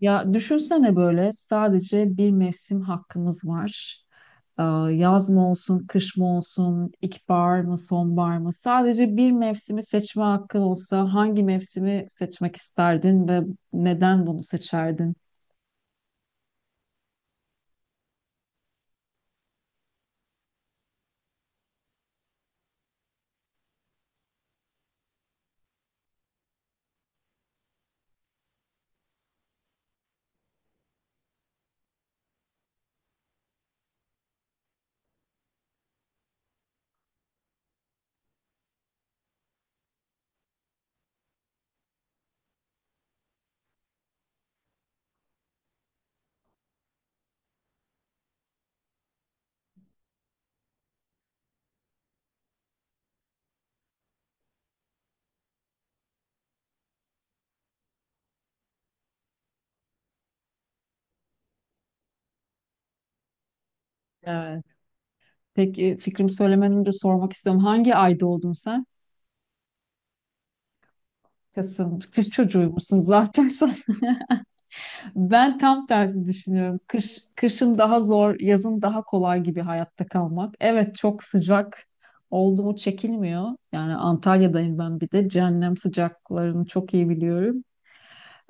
Ya düşünsene böyle sadece bir mevsim hakkımız var. Ee, Yaz mı olsun, kış mı olsun, ilkbahar mı, sonbahar mı? Sadece bir mevsimi seçme hakkın olsa hangi mevsimi seçmek isterdin ve neden bunu seçerdin? Evet. Peki fikrimi söylemeden önce sormak istiyorum. Hangi ayda oldun sen? Kasım. Kış çocuğuymuşsun zaten sen. Ben tam tersi düşünüyorum. Kış, kışın daha zor, yazın daha kolay gibi hayatta kalmak. Evet, çok sıcak oldu mu çekilmiyor. Yani Antalya'dayım ben bir de. Cehennem sıcaklarını çok iyi biliyorum.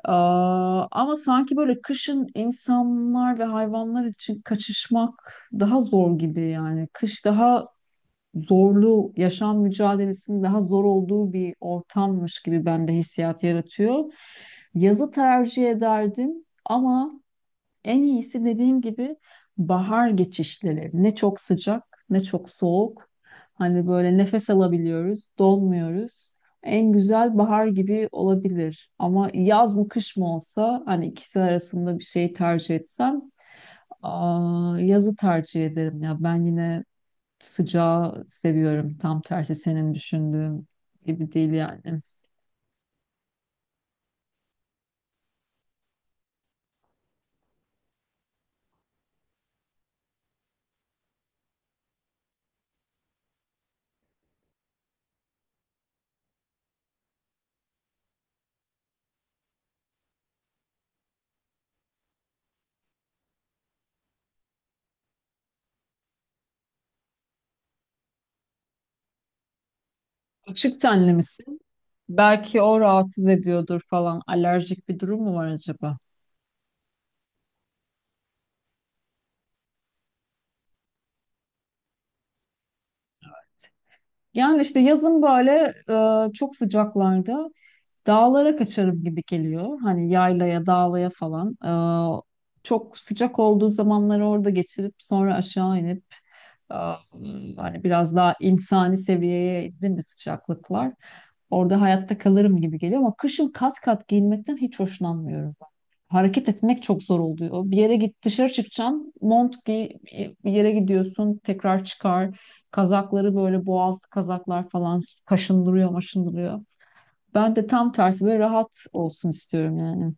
Ama sanki böyle kışın insanlar ve hayvanlar için kaçışmak daha zor gibi yani. Kış daha zorlu, yaşam mücadelesinin daha zor olduğu bir ortammış gibi bende hissiyat yaratıyor. Yazı tercih ederdim ama en iyisi dediğim gibi bahar geçişleri. Ne çok sıcak, ne çok soğuk. Hani böyle nefes alabiliyoruz, donmuyoruz. En güzel bahar gibi olabilir. Ama yaz mı kış mı olsa hani ikisi arasında bir şey tercih etsem yazı tercih ederim ya. Ben yine sıcağı seviyorum. Tam tersi senin düşündüğün gibi değil yani. Açık tenli misin? Belki o rahatsız ediyordur falan. Alerjik bir durum mu var acaba? Yani işte yazın böyle çok sıcaklarda dağlara kaçarım gibi geliyor. Hani yaylaya, dağlaya falan. Çok sıcak olduğu zamanları orada geçirip sonra aşağı inip Am, hani biraz daha insani seviyeye indi mi sıcaklıklar? Orada hayatta kalırım gibi geliyor ama kışın kat kat giyinmekten hiç hoşlanmıyorum ben. Hareket etmek çok zor oluyor. Bir yere git, dışarı çıkacaksın, mont giy, bir yere gidiyorsun, tekrar çıkar. Kazakları böyle boğazlı kazaklar falan kaşındırıyor, maşındırıyor. Ben de tam tersi böyle rahat olsun istiyorum yani.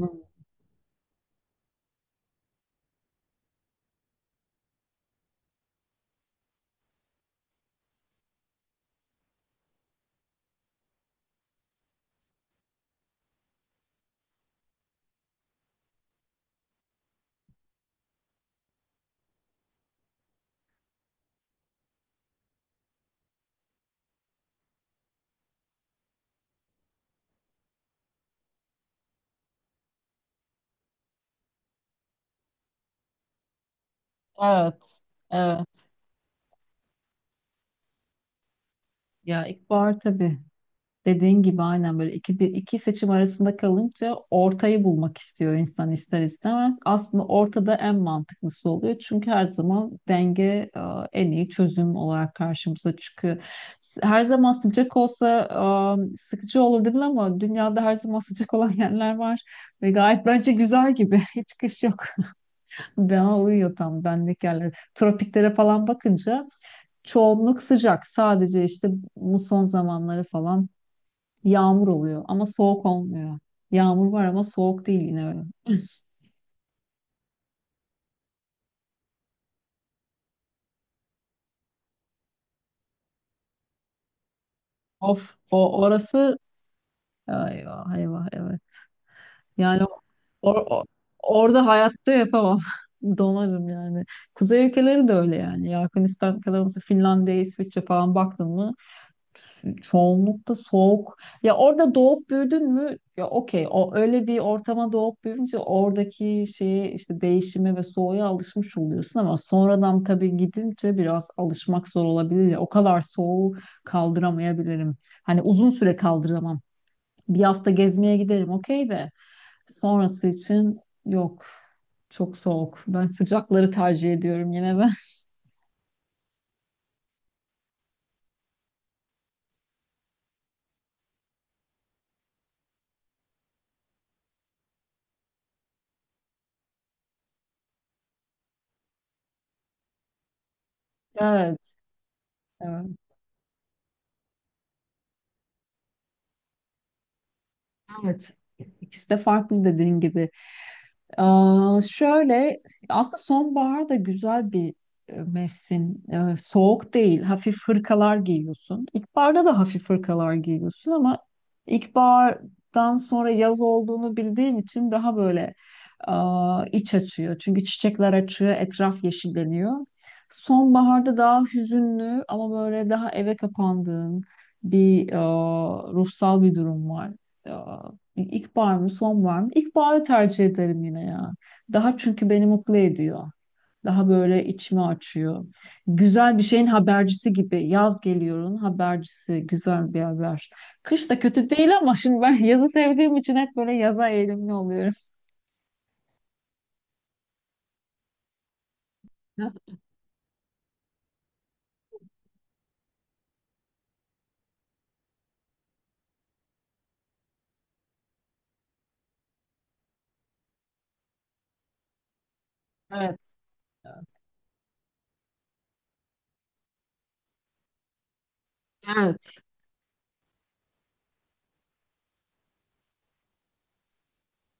Hı. Evet, evet. Ya ilkbahar tabii. Dediğin gibi aynen böyle iki seçim arasında kalınca ortayı bulmak istiyor insan ister istemez. Aslında ortada en mantıklısı oluyor. Çünkü her zaman denge en iyi çözüm olarak karşımıza çıkıyor. Her zaman sıcak olsa sıkıcı olur değil mi, ama dünyada her zaman sıcak olan yerler var. Ve gayet bence güzel gibi. Hiç kış yok. Bana uyuyor, tam benlik yerler. Tropiklere falan bakınca çoğunluk sıcak. Sadece işte muson zamanları falan yağmur oluyor ama soğuk olmuyor. Yağmur var ama soğuk değil yine öyle. Of, o orası eyvah eyvah eyvah. Yani or, or- Orada hayatta yapamam. Donarım yani. Kuzey ülkeleri de öyle yani. Ya Hırvatistan kadar olsa Finlandiya, İsviçre falan baktın mı çoğunlukta soğuk. Ya orada doğup büyüdün mü? Ya okey. O öyle bir ortama doğup büyüyünce oradaki şeye işte değişime ve soğuğa alışmış oluyorsun ama sonradan tabii gidince biraz alışmak zor olabilir ya. O kadar soğuğu kaldıramayabilirim. Hani uzun süre kaldıramam. Bir hafta gezmeye giderim okey de sonrası için yok. Çok soğuk. Ben sıcakları tercih ediyorum yine ben. Evet, evet. Evet. İkisi de farklı dediğin gibi. Şöyle aslında sonbahar da güzel bir mevsim. E, soğuk değil, hafif hırkalar giyiyorsun. İlkbaharda da hafif hırkalar giyiyorsun ama ilkbahardan sonra yaz olduğunu bildiğim için daha böyle iç açıyor. Çünkü çiçekler açıyor, etraf yeşilleniyor. Sonbaharda daha hüzünlü ama böyle daha eve kapandığın bir ruhsal bir durum var. İlkbahar mı, sonbahar mı? İlkbaharı tercih ederim yine ya. Daha çünkü beni mutlu ediyor. Daha böyle içimi açıyor. Güzel bir şeyin habercisi gibi. Yaz geliyorun habercisi. Güzel bir haber. Kış da kötü değil ama şimdi ben yazı sevdiğim için hep böyle yaza eğilimli oluyorum. Evet. Evet.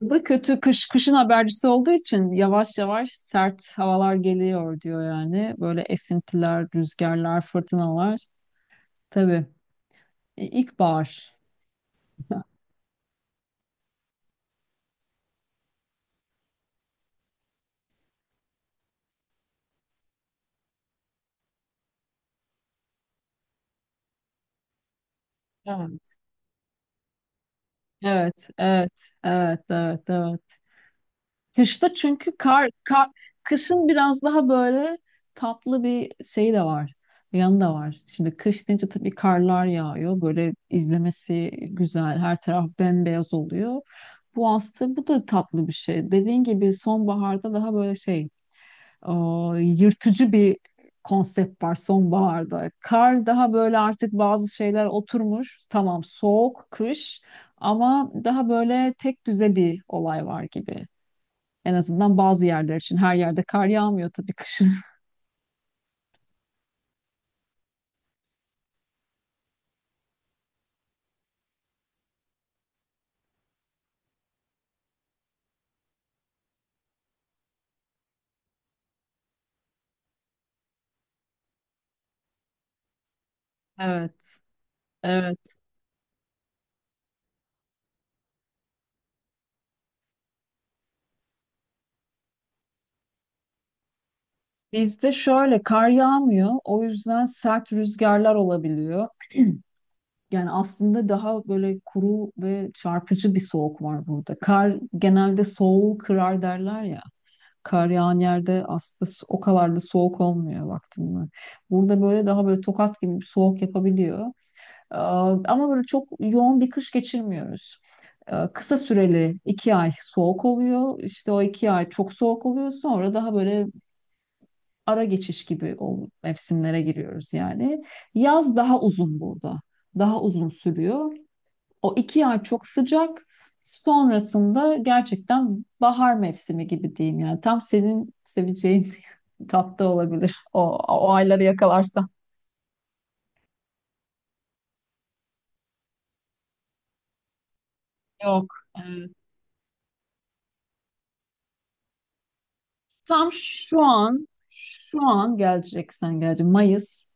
Bu da kötü, kış, kışın habercisi olduğu için yavaş yavaş sert havalar geliyor diyor yani. Böyle esintiler, rüzgarlar, fırtınalar. Tabii. İlkbahar. Evet, evet, evet, evet, evet, evet. Kışta çünkü kar, kar, kışın biraz daha böyle tatlı bir şey de var. Bir yanı da var. Şimdi kış deyince tabii karlar yağıyor. Böyle izlemesi güzel. Her taraf bembeyaz oluyor. Bu aslında bu da tatlı bir şey. Dediğin gibi sonbaharda daha böyle şey e, yırtıcı bir konsept var sonbaharda. Kar daha böyle artık bazı şeyler oturmuş. Tamam soğuk, kış ama daha böyle tek düze bir olay var gibi. En azından bazı yerler için. Her yerde kar yağmıyor tabii kışın. Evet, evet. Bizde şöyle kar yağmıyor. O yüzden sert rüzgarlar olabiliyor. Yani aslında daha böyle kuru ve çarpıcı bir soğuk var burada. Kar genelde soğuğu kırar derler ya. Kar yağan yerde aslında o kadar da soğuk olmuyor vaktinde. Burada böyle daha böyle tokat gibi bir soğuk yapabiliyor. Ee, Ama böyle çok yoğun bir kış geçirmiyoruz. Kısa süreli 2 ay soğuk oluyor. İşte o 2 ay çok soğuk oluyor. Sonra daha böyle ara geçiş gibi o mevsimlere giriyoruz yani. Yaz daha uzun burada. Daha uzun sürüyor. O iki ay çok sıcak. Sonrasında gerçekten bahar mevsimi gibi diyeyim yani. Tam senin seveceğin tatlı olabilir. O ayları yakalarsan. Yok. Evet. Tam şu an geleceksen gelecek. Mayıs.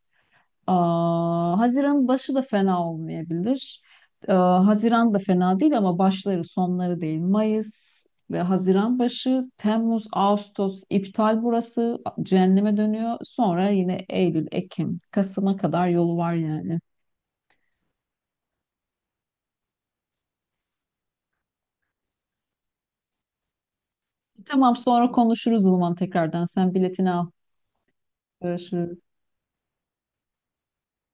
Haziran başı da fena olmayabilir. Haziran da fena değil ama başları sonları değil. Mayıs ve Haziran başı, Temmuz, Ağustos iptal burası. Cehenneme dönüyor. Sonra yine Eylül, Ekim, Kasım'a kadar yolu var yani. Tamam, sonra konuşuruz o zaman tekrardan. Sen biletini al. Görüşürüz.